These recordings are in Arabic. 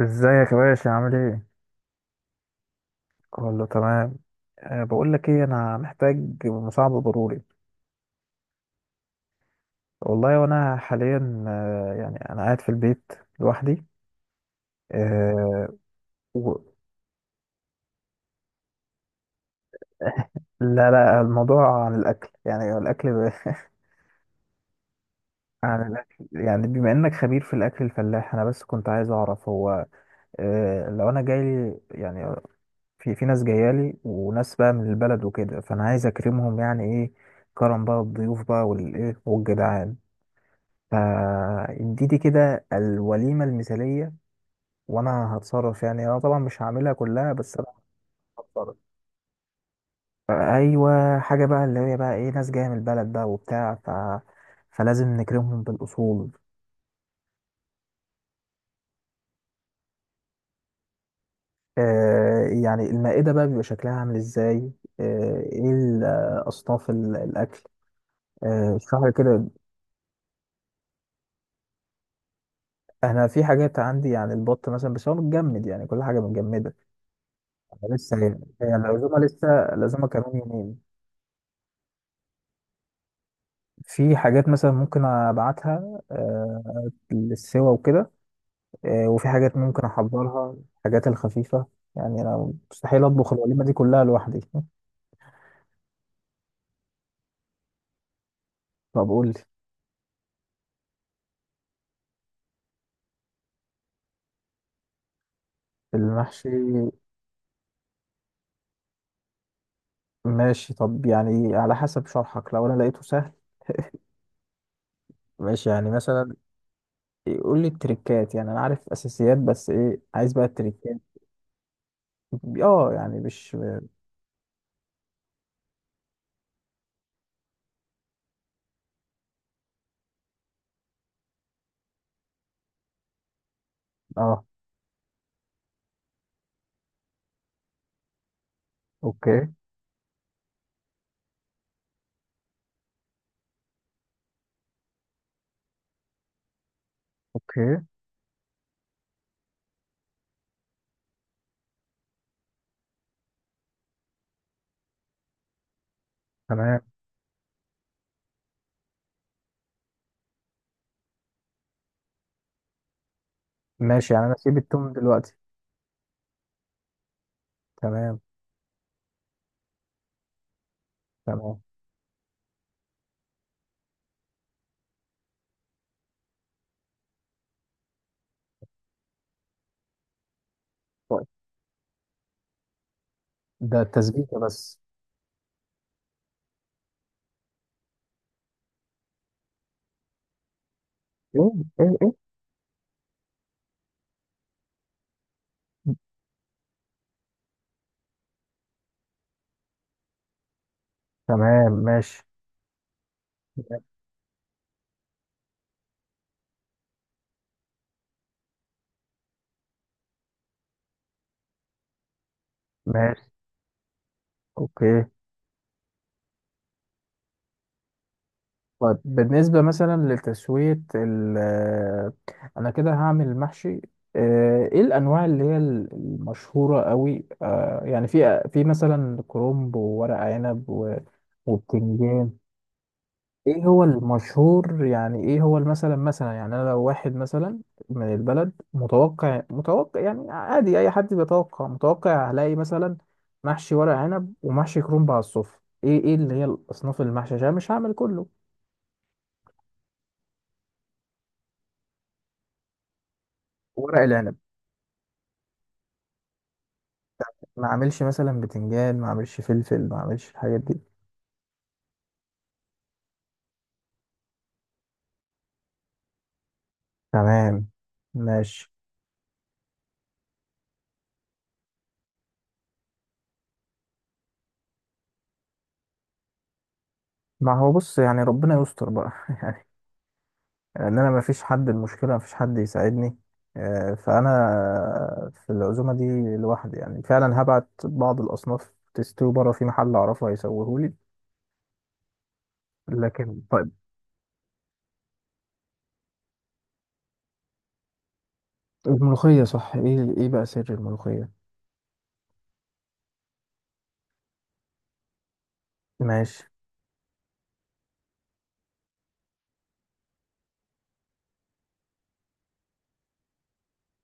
ازيك يا باشا؟ عامل ايه؟ كله تمام. بقول لك ايه، انا محتاج مساعدة ضروري. والله، وانا حاليا يعني انا قاعد في البيت لوحدي. أه و... لا لا، الموضوع عن الاكل، يعني الاكل عن الاكل. يعني بما انك خبير في الاكل الفلاح، انا بس كنت عايز اعرف هو لو انا جايلي يعني في ناس جايالي وناس بقى من البلد وكده، فانا عايز اكرمهم، يعني ايه كرم بقى الضيوف بقى والايه والجدعان؟ فاديتي كده الوليمة المثالية. وانا هتصرف، يعني انا طبعا مش هعملها كلها، بس انا هتصرف. ايوه حاجة بقى اللي هي بقى ايه، ناس جاية من البلد بقى وبتاع فلازم نكرمهم بالاصول. يعني المائدة بقى بيبقى شكلها عامل ازاي؟ آه ايه ال- آه، اصناف الاكل. اشرح لي كده. انا في حاجات عندي عن البط مثلا، بس هو متجمد، يعني كل حاجة متجمدة. أنا لسه هي العزومة لسه، العزومة كمان يومين. في حاجات مثلا ممكن ابعتها للسوا وكده، وفي حاجات ممكن احضرها، الحاجات الخفيفه. يعني انا مستحيل اطبخ الوليمه دي كلها لوحدي. طب قول لي. المحشي. ماشي، طب يعني على حسب شرحك، لو انا لقيته سهل. ماشي، يعني مثلا قول لي التريكات، يعني انا عارف اساسيات، بس ايه عايز بقى التريكات. اه، يعني مش. اه. اوكي. اوكي. تمام. ماشي، يعني انا اسيب التوم دلوقتي. تمام. تمام. طيب. ده التسبيكه بس؟ ايه. ايه ايه. تمام. ماشي. ماشي. اوكي. طيب بالنسبة مثلا لتسوية ال آه، انا كده هعمل محشي. ايه الانواع اللي هي ال- المشهورة قوي؟ يعني في مثلا كرنب وورق عنب وبتنجان. ايه هو المشهور، يعني ايه هو مثلا؟ مثلا يعني انا لو واحد مثلا من البلد متوقع، متوقع يعني عادي اي حد بيتوقع، متوقع هلاقي مثلا محشي ورق عنب ومحشي كرنب على الصفر. ايه ايه اللي هي الاصناف المحشي، عشان مش هعمل كله؟ ورق العنب. ما اعملش مثلا بتنجان، ما اعملش فلفل، ما اعملش الحاجات دي. تمام. ماشي. ما هو بص، يعني ربنا يستر بقى ان انا مفيش حد، المشكله مفيش حد يساعدني، فانا في العزومه دي لوحدي، يعني فعلا هبعت بعض الاصناف تستوي بره في محل اعرفه هيسويهولي. لكن طيب الملوخيه، صح، ايه ايه بقى سر الملوخيه؟ ماشي.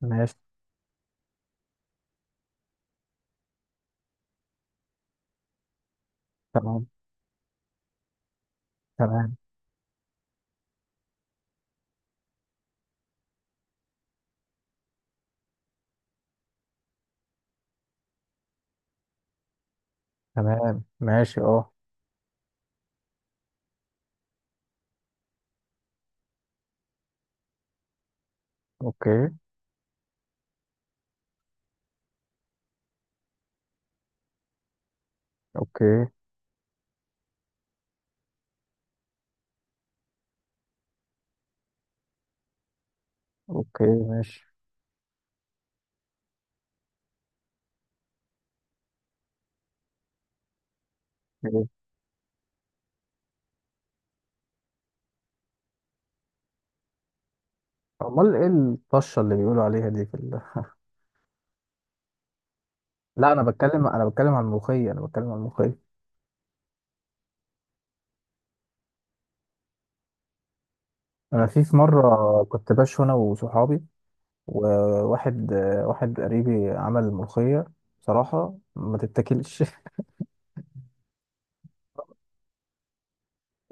ماشي. تمام. تمام. تمام. ماشي. اه. اوكي. اوكي. اوكي. ماشي. إيه. امال ايه الطشه اللي بيقولوا عليها دي في لا انا بتكلم، انا بتكلم عن الملوخيه، انا بتكلم عن الملوخيه. انا في في مره كنت باش انا وصحابي وواحد آه، واحد قريبي عمل ملوخية، بصراحة ما تتاكلش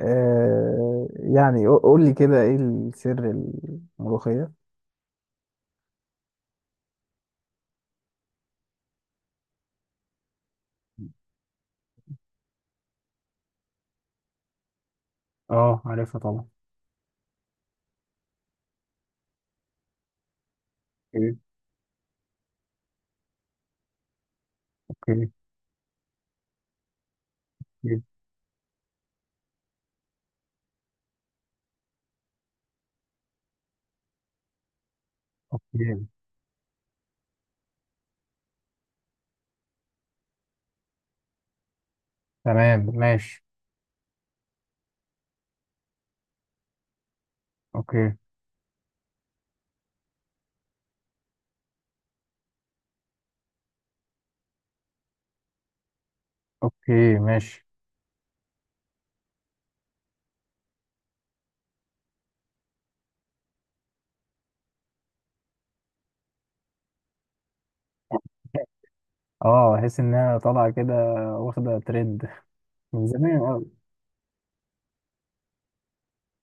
يعني قول لي كده ايه السر؟ الملوخية. اه عارفها طبعا. اوكي. اوكي. اوكي. اوكي. تمام. ماشي. اوكي. اوكي. ماشي. اه احس انها طالعه كده، واخده ترند من زمان قوي.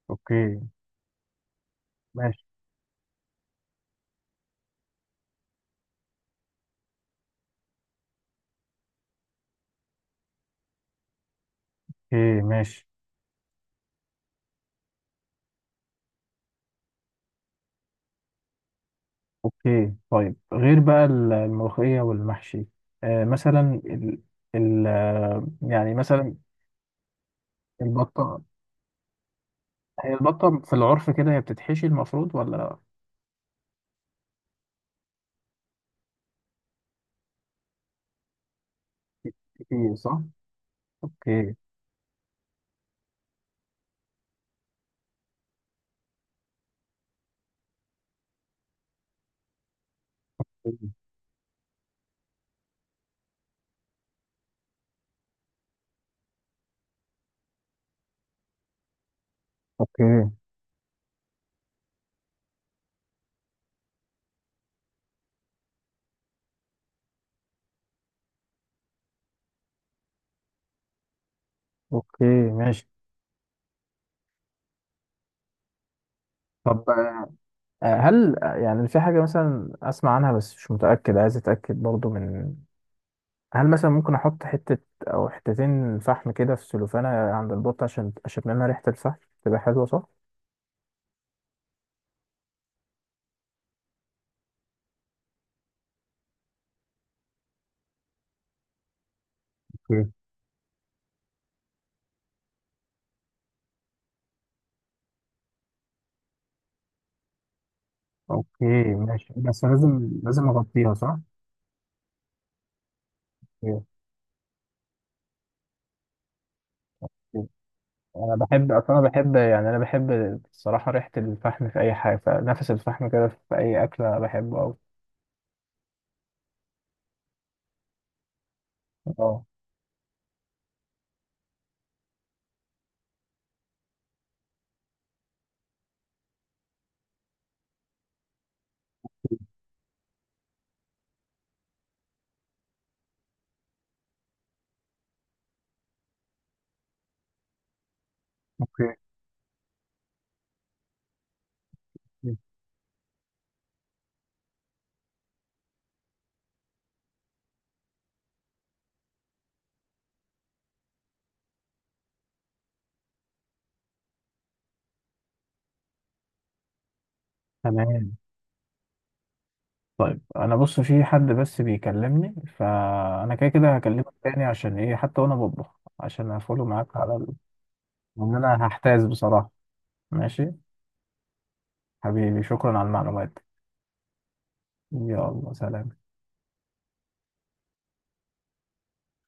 اوكي. ماشي. اوكي. ماشي. اوكي. طيب غير بقى الملوخية والمحشي؟ آه مثلا ال... ال... آه، يعني مثلا البطة. هي البطة في العرف كده هي بتتحشي المفروض ولا؟ بتتحشي، صح؟ اوكي. اوكي. اوكي. ماشي. طب هل يعني في حاجة مثلا أسمع عنها بس مش متأكد عايز أتأكد برضو من، هل مثلا ممكن أحط حتة أو حتتين فحم كده في سلوفانة عند البط، عشان أشم منها ريحة الفحم، تبقى حلوة، صح؟ اوكي. ماشي. بس لازم لازم اغطيها، صح؟ أوكي. انا بحب اصلا، انا بحب، يعني انا بحب الصراحه ريحه الفحم في اي حاجه، فنفس الفحم كده في اي اكله بحبه أوي. اه. اوكي. تمام. طيب انا بص في حد بس بيكلمني، فانا كده كده هكلمك تاني عشان ايه حتى وانا بطبخ، عشان افولو معاك على لان انا هحتاس بصراحه. ماشي. حبيبي شكرا على المعلومات دي. يلا سلام.